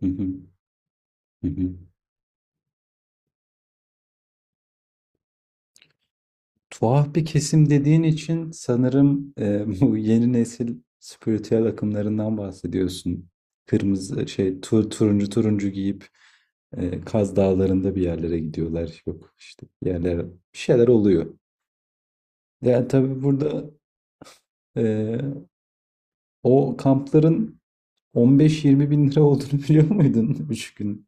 Hı hı, hı hı. Tuhaf bir kesim dediğin için sanırım bu yeni nesil spiritüel akımlarından bahsediyorsun. Kırmızı şey turuncu turuncu giyip Kaz Dağları'nda bir yerlere gidiyorlar. Yok işte bir yerlere bir şeyler oluyor. Yani tabii burada e, o kampların 15-20 bin lira olduğunu biliyor muydun 3 gün?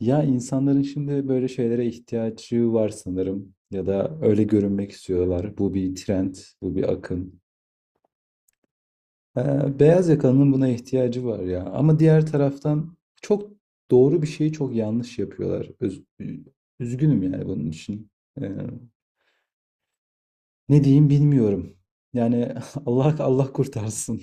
Ya insanların şimdi böyle şeylere ihtiyacı var sanırım ya da öyle görünmek istiyorlar. Bu bir trend, bu bir akım. Beyaz yakalının buna ihtiyacı var ya. Ama diğer taraftan çok doğru bir şeyi çok yanlış yapıyorlar. Üzgünüm yani bunun için. Ee, Ne diyeyim bilmiyorum. Yani Allah Allah kurtarsın.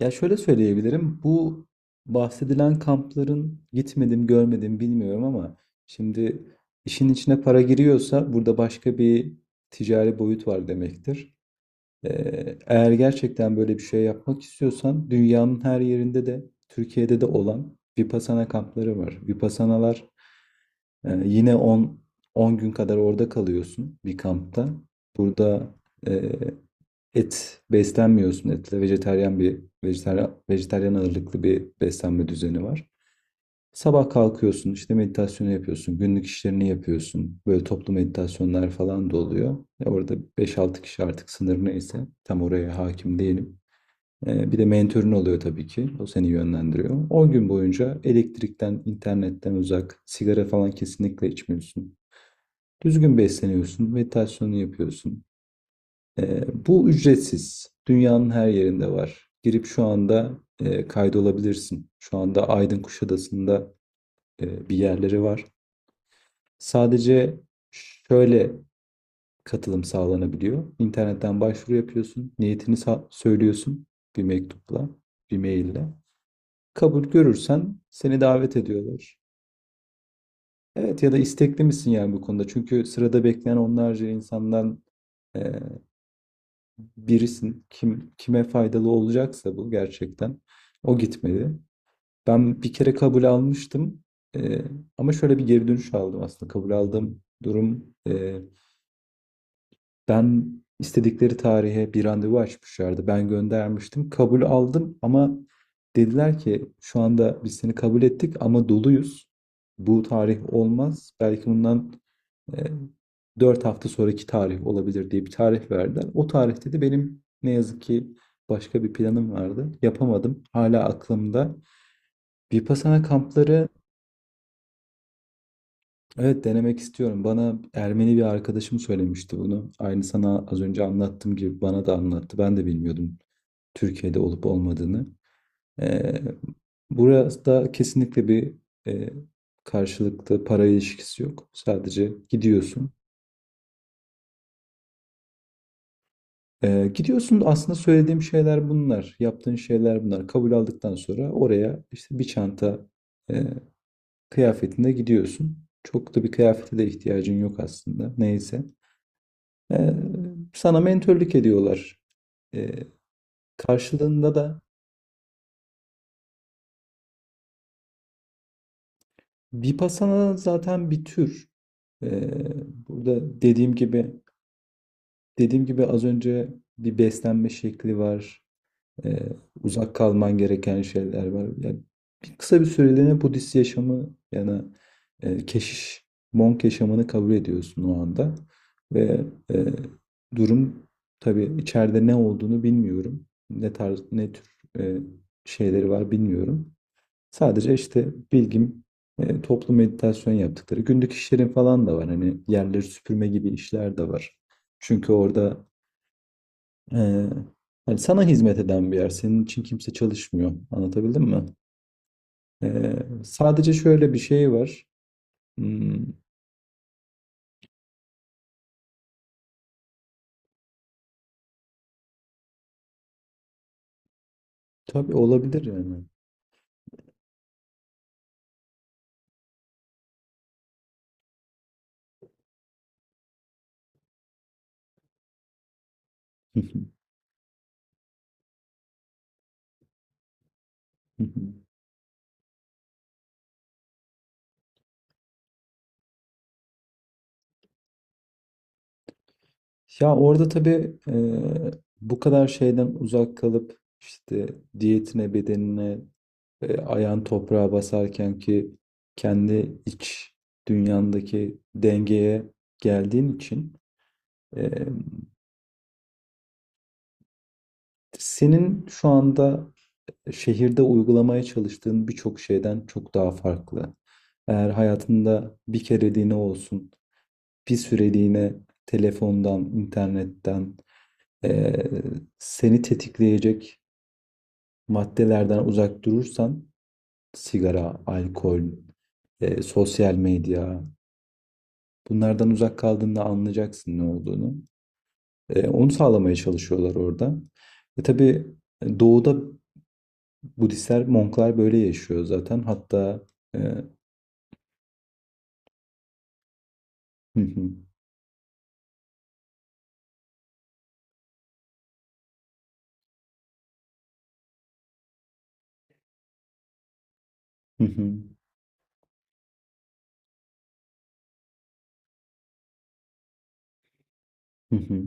Ya şöyle söyleyebilirim. Bu bahsedilen kampların gitmedim, görmedim bilmiyorum ama şimdi işin içine para giriyorsa burada başka bir ticari boyut var demektir. Eğer gerçekten böyle bir şey yapmak istiyorsan dünyanın her yerinde de Türkiye'de de olan Vipassana kampları var. Vipassanalar yine 10 gün kadar orada kalıyorsun bir kampta. Burada e, Et beslenmiyorsun etle. Vejetaryen ağırlıklı bir beslenme düzeni var. Sabah kalkıyorsun, işte meditasyonu yapıyorsun, günlük işlerini yapıyorsun. Böyle toplu meditasyonlar falan da oluyor. Ya orada 5-6 kişi artık sınır neyse tam oraya hakim değilim. Bir de mentörün oluyor tabii ki. O seni yönlendiriyor. 10 gün boyunca elektrikten, internetten uzak, sigara falan kesinlikle içmiyorsun. Düzgün besleniyorsun, meditasyonu yapıyorsun. Bu ücretsiz. Dünyanın her yerinde var. Girip şu anda kaydolabilirsin. Şu anda Aydın Kuşadası'nda bir yerleri var. Sadece şöyle katılım sağlanabiliyor. İnternetten başvuru yapıyorsun. Niyetini söylüyorsun bir mektupla, bir maille. Kabul görürsen seni davet ediyorlar. Evet ya da istekli misin yani bu konuda? Çünkü sırada bekleyen onlarca insandan e, birisin kim kime faydalı olacaksa bu gerçekten o gitmedi. Ben bir kere kabul almıştım. Ee, Ama şöyle bir geri dönüş aldım aslında kabul aldığım durum ben istedikleri tarihe bir randevu açmışlardı. Ben göndermiştim. Kabul aldım ama dediler ki şu anda biz seni kabul ettik ama doluyuz. Bu tarih olmaz. Belki bundan e, 4 hafta sonraki tarih olabilir diye bir tarih verdiler. O tarihte de benim ne yazık ki başka bir planım vardı. Yapamadım. Hala aklımda. Vipassana kampları. Evet, denemek istiyorum. Bana Ermeni bir arkadaşım söylemişti bunu. Aynı sana az önce anlattığım gibi bana da anlattı. Ben de bilmiyordum Türkiye'de olup olmadığını. Ee, Burası da kesinlikle bir e, karşılıklı para ilişkisi yok. Sadece gidiyorsun. Gidiyorsun aslında söylediğim şeyler bunlar. Yaptığın şeyler bunlar. Kabul aldıktan sonra oraya işte bir çanta e, kıyafetinde gidiyorsun. Çok da bir kıyafete de ihtiyacın yok aslında. Neyse. Ee, Sana mentörlük ediyorlar. Ee, Karşılığında da Vipassana zaten bir tür. Ee, Burada dediğim gibi az önce bir beslenme şekli var. Ee, Uzak kalman gereken şeyler var. Yani bir kısa bir süreliğine Budist yaşamı yani keşiş, monk yaşamını kabul ediyorsun o anda. Ve e, durum tabii içeride ne olduğunu bilmiyorum. Ne tarz, ne tür e, şeyleri var bilmiyorum. Sadece işte bilgim toplu meditasyon yaptıkları. Günlük işlerin falan da var. Hani yerleri süpürme gibi işler de var. Çünkü orada ee, yani sana hizmet eden bir yer. Senin için kimse çalışmıyor. Anlatabildim mi? Ee, Sadece şöyle bir şey var. Hmm, tabii olabilir yani. Ya orada tabii bu kadar şeyden uzak kalıp işte diyetine, bedenine, ayağın toprağa basarken ki kendi iç dünyandaki dengeye geldiğin için e, senin şu anda şehirde uygulamaya çalıştığın birçok şeyden çok daha farklı. Eğer hayatında bir kereliğine olsun, bir süreliğine telefondan, internetten eee, seni tetikleyecek maddelerden uzak durursan, sigara, alkol, sosyal medya, bunlardan uzak kaldığında anlayacaksın ne olduğunu. Onu sağlamaya çalışıyorlar orada. Tabii, doğuda Budistler, Monklar böyle yaşıyor zaten. Hatta e, hı hı. Hı hı. Hı hı.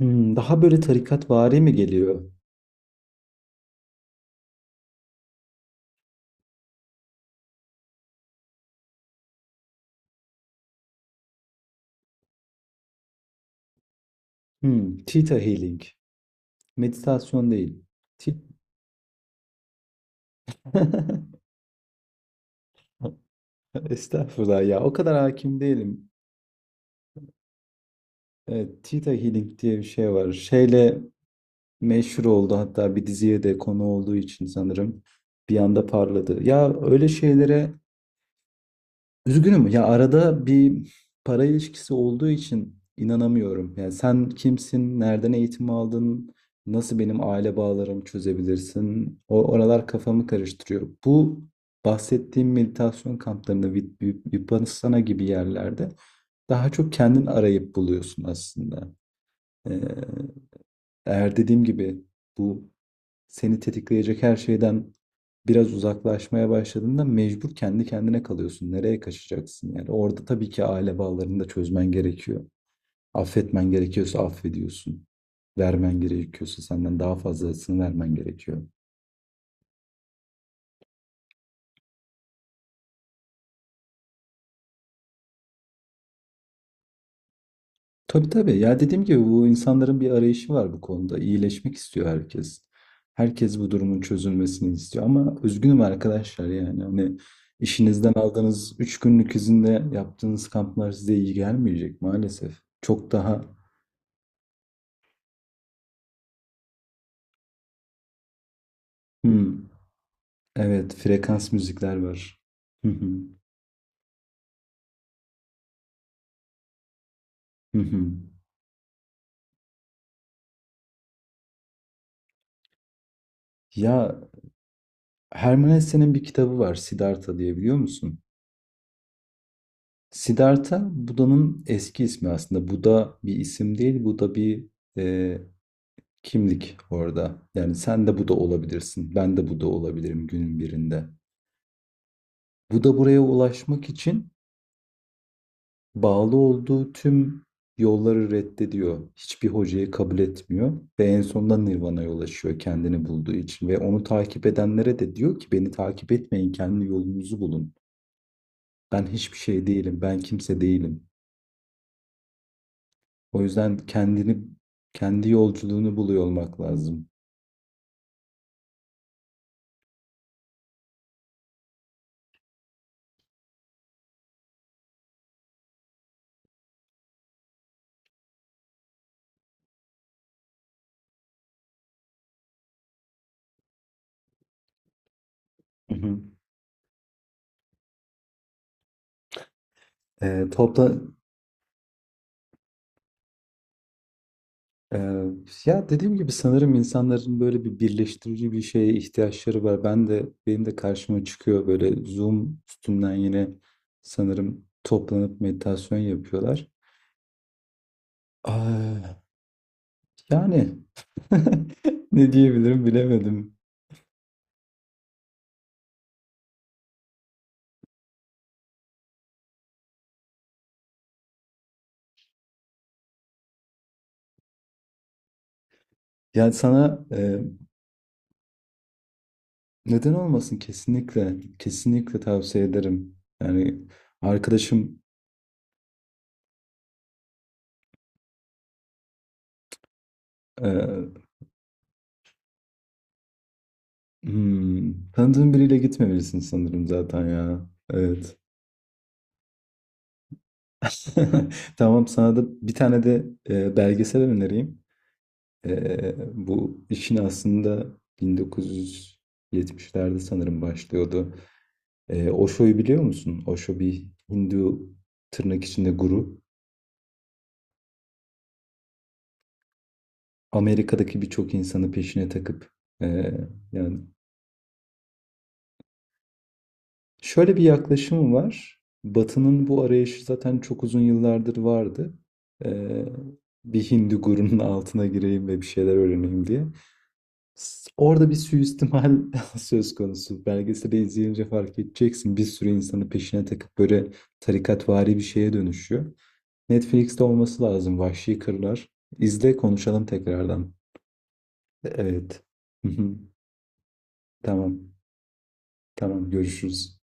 Hımm, daha böyle tarikatvari mi geliyor? Hımm. Theta Healing. Meditasyon değil. Ti Estağfurullah ya, o kadar hakim değilim. Evet, Theta Healing diye bir şey var. Şeyle meşhur oldu hatta bir diziye de konu olduğu için sanırım bir anda parladı. Ya, öyle şeylere üzgünüm ya, arada bir para ilişkisi olduğu için inanamıyorum. Yani sen kimsin, nereden eğitim aldın, nasıl benim aile bağlarımı çözebilirsin? O oralar kafamı karıştırıyor. Bu bahsettiğim meditasyon kamplarında, Vipassana gibi yerlerde daha çok kendin arayıp buluyorsun aslında. Ee, Eğer dediğim gibi bu seni tetikleyecek her şeyden biraz uzaklaşmaya başladığında mecbur kendi kendine kalıyorsun. Nereye kaçacaksın yani? Orada tabii ki aile bağlarını da çözmen gerekiyor. Affetmen gerekiyorsa affediyorsun. Vermen gerekiyorsa senden daha fazlasını vermen gerekiyor. Tabii tabii. Ya dediğim gibi bu insanların bir arayışı var bu konuda. İyileşmek istiyor herkes. Herkes bu durumun çözülmesini istiyor. Ama üzgünüm arkadaşlar yani. Hani işinizden aldığınız 3 günlük izinde yaptığınız kamplar size iyi gelmeyecek maalesef. Çok daha. Hmm, evet, frekans müzikler var. Hı hı, hı hı. Ya, Hermann Hesse'nin bir kitabı var, Siddhartha diye, biliyor musun? Siddhartha Buda'nın eski ismi aslında. Buda bir isim değil. Buda bir e, kimlik orada. Yani sen de bu da olabilirsin. Ben de bu da olabilirim günün birinde. Bu da buraya ulaşmak için bağlı olduğu tüm yolları reddediyor. Hiçbir hocayı kabul etmiyor ve en sonunda Nirvana'ya ulaşıyor kendini bulduğu için ve onu takip edenlere de diyor ki beni takip etmeyin, kendi yolunuzu bulun. Ben hiçbir şey değilim, ben kimse değilim. O yüzden kendi yolculuğunu buluyor olmak lazım. Hı hı. Topla Ee, ya dediğim gibi sanırım insanların böyle bir birleştirici bir şeye ihtiyaçları var. Benim de karşıma çıkıyor böyle Zoom üstünden, yine sanırım toplanıp meditasyon yapıyorlar. Aa, yani ne diyebilirim bilemedim. Yani sana neden olmasın, kesinlikle kesinlikle tavsiye ederim. Yani arkadaşım e, hmm, tanıdığın biriyle gitmemelisin sanırım zaten ya. Evet. Tamam, sana da bir tane de belgesel önereyim. E, Bu işin aslında 1970'lerde sanırım başlıyordu. Osho'yu biliyor musun? Osho bir Hindu, tırnak içinde, guru. Amerika'daki birçok insanı peşine takıp e, yani şöyle bir yaklaşımı var. Batı'nın bu arayışı zaten çok uzun yıllardır vardı. E, Bir Hindu gurunun altına gireyim ve bir şeyler öğreneyim diye. Orada bir suistimal söz konusu. Belgeseli izleyince fark edeceksin. Bir sürü insanı peşine takıp böyle tarikatvari bir şeye dönüşüyor. Netflix'te olması lazım. Vahşi Kırlar. İzle, konuşalım tekrardan. Evet. Tamam. Tamam. Görüşürüz.